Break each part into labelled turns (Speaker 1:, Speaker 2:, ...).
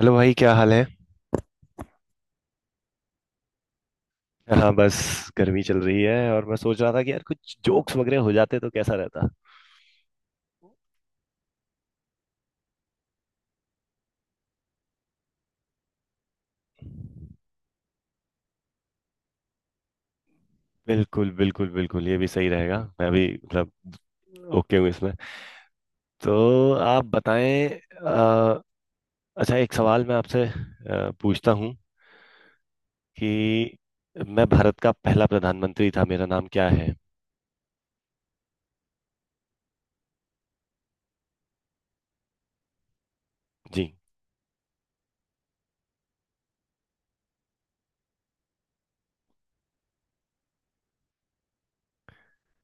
Speaker 1: Hello भाई, क्या हाल है? हाँ बस, गर्मी चल रही है और मैं सोच रहा था कि यार कुछ जोक्स वगैरह हो जाते तो कैसा रहता। बिल्कुल बिल्कुल बिल्कुल, ये भी सही रहेगा। मैं भी मतलब ओके हूँ इसमें। तो आप बताएं। अ, अच्छा, एक सवाल मैं आपसे पूछता हूँ कि मैं भारत का पहला प्रधानमंत्री था, मेरा नाम क्या है? जी।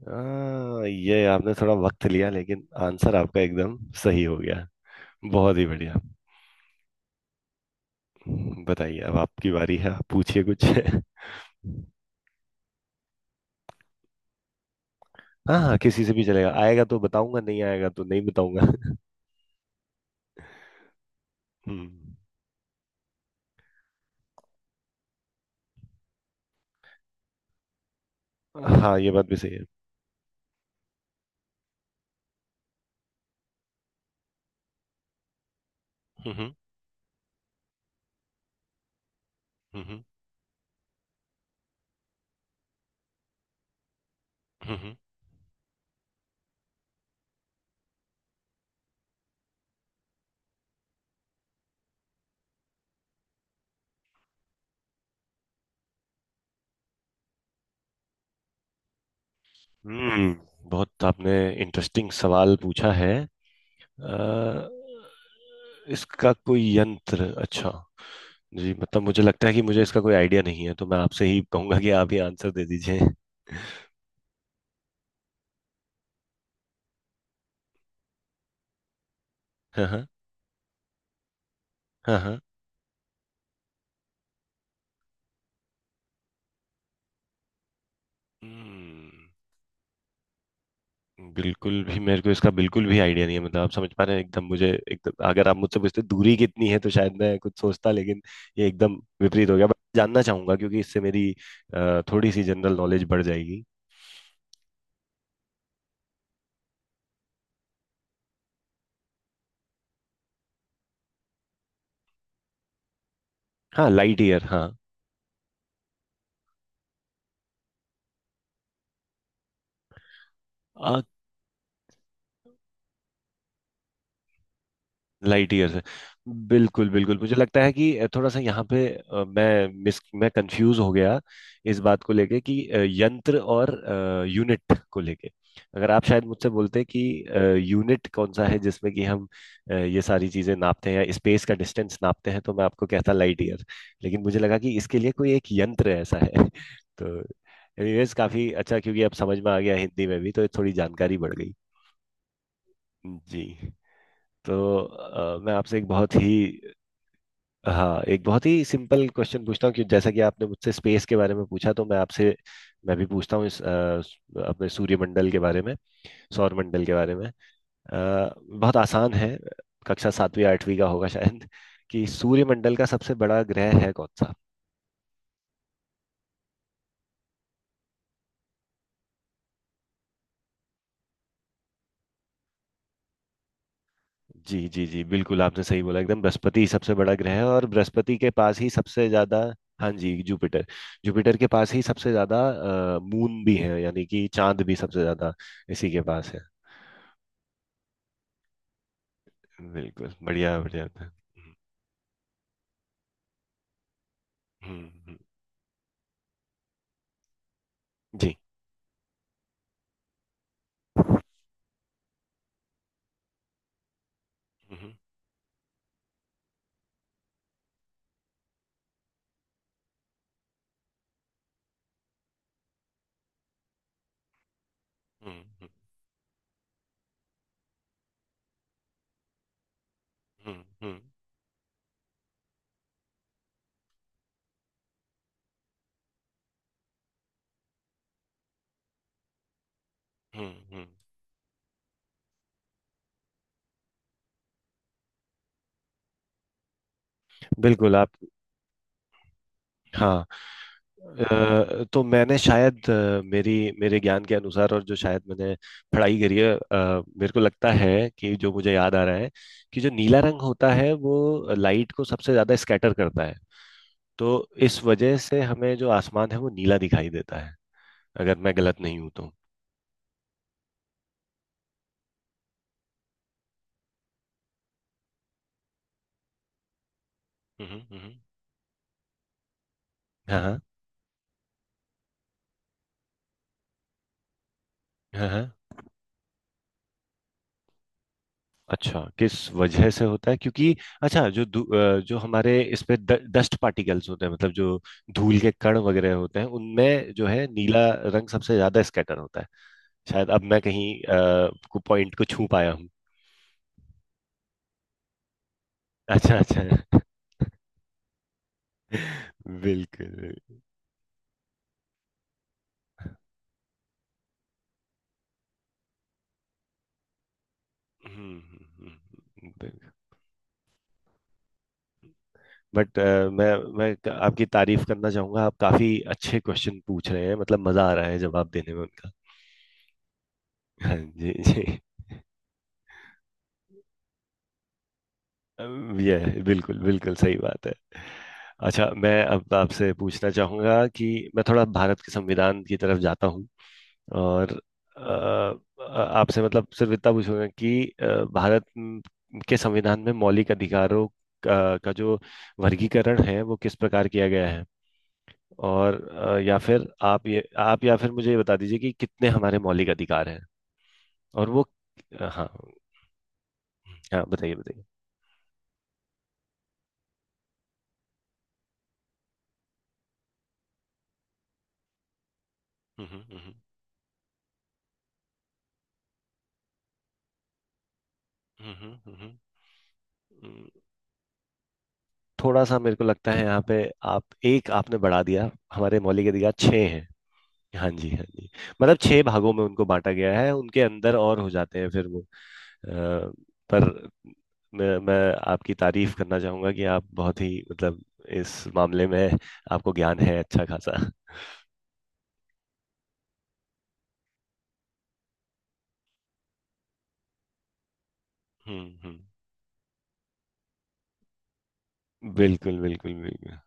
Speaker 1: ये आपने थोड़ा वक्त लिया लेकिन आंसर आपका एकदम सही हो गया। बहुत ही बढ़िया। बताइए, अब आपकी बारी है। आप पूछिए कुछ। हाँ हाँ, किसी से भी चलेगा। आएगा तो बताऊंगा, नहीं आएगा तो नहीं बताऊंगा। हम्म। हाँ, ये बात भी सही है। हम्म, हम्म, हम्म, हम्म। बहुत आपने इंटरेस्टिंग सवाल पूछा है। अ, इसका कोई यंत्र, अच्छा। जी, मतलब मुझे लगता है कि मुझे इसका कोई आइडिया नहीं है, तो मैं आपसे ही कहूंगा कि आप ही आंसर दे दीजिए। हाँ हाँ, हाँ हाँ। हम्म। बिल्कुल भी मेरे को इसका बिल्कुल भी आइडिया नहीं है। मतलब आप समझ पा रहे हैं, एकदम मुझे एकदम अगर आप मुझसे पूछते दूरी कितनी है तो शायद मैं कुछ सोचता, लेकिन ये एकदम विपरीत हो गया। बट जानना चाहूंगा क्योंकि इससे मेरी थोड़ी सी जनरल नॉलेज बढ़ जाएगी। हाँ, लाइट ईयर, हाँ। लाइट ईयर से। बिल्कुल बिल्कुल, मुझे लगता है कि थोड़ा सा यहाँ पे मैं कंफ्यूज हो गया। इस बात को लेके कि यंत्र और यूनिट को लेके, अगर आप शायद मुझसे बोलते कि यूनिट कौन सा है जिसमें कि हम ये सारी चीजें नापते हैं या स्पेस का डिस्टेंस नापते हैं, तो मैं आपको कहता लाइट ईयर। लेकिन मुझे लगा कि इसके लिए कोई एक यंत्र ऐसा है। तो एनीवेज, काफी अच्छा क्योंकि अब समझ में आ गया, हिंदी में भी तो थोड़ी जानकारी बढ़ गई। जी। तो मैं आपसे एक बहुत ही। हाँ, एक बहुत ही सिंपल क्वेश्चन पूछता हूँ कि जैसा कि आपने मुझसे स्पेस के बारे में पूछा, तो मैं भी पूछता हूँ इस अपने सूर्यमंडल के बारे में, सौर मंडल के बारे में। बहुत आसान है, कक्षा सातवीं आठवीं का होगा शायद। कि सूर्यमंडल का सबसे बड़ा ग्रह है कौन सा? जी जी जी, बिल्कुल आपने सही बोला। एकदम बृहस्पति ही सबसे बड़ा ग्रह है, और बृहस्पति के पास ही सबसे ज्यादा। हाँ जी, जुपिटर। जुपिटर के पास ही सबसे ज्यादा मून भी है, यानी कि चांद भी सबसे ज्यादा इसी के पास है। बिल्कुल, बढ़िया बढ़िया था। हम्म, हम्म, हम्म, जी, हम्म, हम्म, हम्म, हम्म, हम्म, हम्म। बिल्कुल, आप हाँ। तो मैंने शायद मेरी मेरे ज्ञान के अनुसार, और जो शायद मैंने पढ़ाई करी है, मेरे को लगता है कि जो मुझे याद आ रहा है कि जो नीला रंग होता है वो लाइट को सबसे ज्यादा स्कैटर करता है, तो इस वजह से हमें जो आसमान है वो नीला दिखाई देता है। अगर मैं गलत नहीं हूं तो। हम्म, हम्म। हाँ हाँ, हाँ। अच्छा, किस वजह से होता है क्योंकि? अच्छा, जो जो हमारे इस पे डस्ट पार्टिकल्स होते हैं, मतलब जो धूल के कण वगैरह होते हैं उनमें जो है नीला रंग सबसे ज्यादा स्कैटर होता है। शायद अब मैं कहीं अ, को पॉइंट को छू पाया हूँ। अच्छा अच्छा। बिल्कुल। बट मैं मैं आपकी तारीफ करना चाहूंगा। आप काफी अच्छे क्वेश्चन पूछ रहे हैं, मतलब मजा आ रहा है जवाब देने में उनका। हाँ जी जी। ये बिल्कुल बिल्कुल सही बात है। अच्छा, मैं अब आपसे पूछना चाहूंगा कि मैं थोड़ा भारत के संविधान की तरफ जाता हूँ, और अ, आपसे मतलब सिर्फ इतना पूछूंगा कि भारत के संविधान में मौलिक अधिकारों का जो वर्गीकरण है वो किस प्रकार किया गया है, और या फिर आप ये आप या फिर मुझे ये बता दीजिए कि कितने हमारे मौलिक अधिकार हैं और वो। हाँ हाँ, बताइए बताइए। हम्म हम्म हम्म, हम्म। थोड़ा सा मेरे को लगता है यहाँ पे आप एक आपने बढ़ा दिया, हमारे मौलिक अधिकार छः हैं। हाँ जी, हाँ जी। मतलब छह भागों में उनको बांटा गया है, उनके अंदर और हो जाते हैं फिर वो। पर मैं आपकी तारीफ करना चाहूंगा कि आप बहुत ही मतलब इस मामले में आपको ज्ञान है अच्छा खासा। हम्म, हम्म। बिल्कुल बिल्कुल बिल्कुल।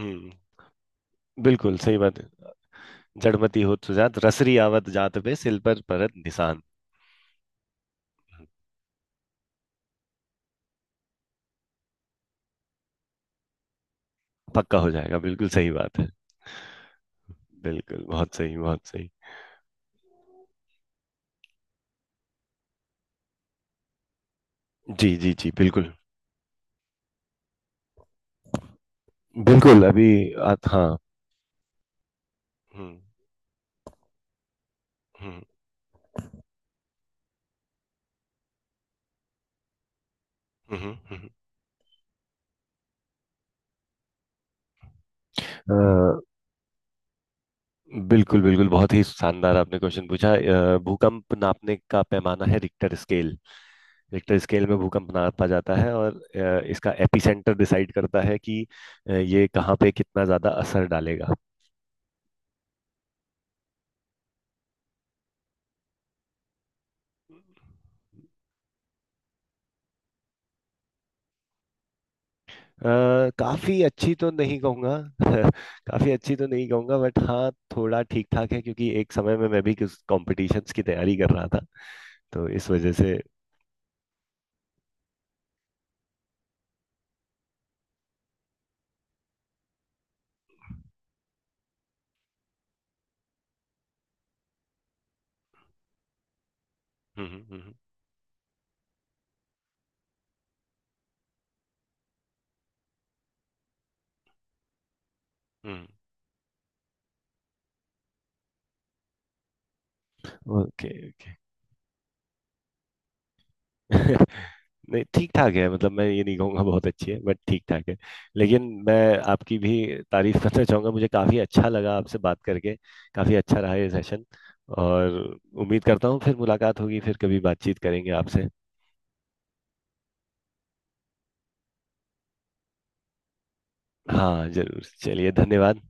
Speaker 1: हम्म, बिल्कुल सही बात है। जड़मति होत सुजात, रसरी आवत जात, पे सिल पर परत निशान। पक्का हो जाएगा, बिल्कुल सही बात है। बिल्कुल, बहुत सही बहुत सही। जी, जी, जी, बिल्कुल। बिल्कुल, अभी आप हाँ। हुँ, हुँ, हुँ, हुँ, हुँ, हुँ। अ, बिल्कुल, बिल्कुल, बहुत ही शानदार आपने क्वेश्चन पूछा। भूकंप नापने का पैमाना है रिक्टर स्केल। रिक्टर स्केल में भूकंप नापा जाता है, और इसका एपिसेंटर डिसाइड करता है कि ये कहाँ पे कितना ज़्यादा असर डालेगा। काफ़ी अच्छी तो नहीं कहूँगा। काफ़ी अच्छी तो नहीं कहूँगा, बट हाँ, थोड़ा ठीक-ठाक है, क्योंकि एक समय में मैं भी कुछ कॉम्पिटिशन्स की तैयारी कर रहा था, तो इस वजह से। हम्म, हम्म, हम्म। Okay okay. नहीं, ठीक ठाक है, मतलब मैं ये नहीं कहूँगा बहुत अच्छी है, बट ठीक ठाक है। लेकिन मैं आपकी भी तारीफ करना चाहूँगा, मुझे काफ़ी अच्छा लगा आपसे बात करके। काफ़ी अच्छा रहा ये सेशन, और उम्मीद करता हूँ फिर मुलाकात होगी, फिर कभी बातचीत करेंगे आपसे। हाँ जरूर, चलिए, धन्यवाद।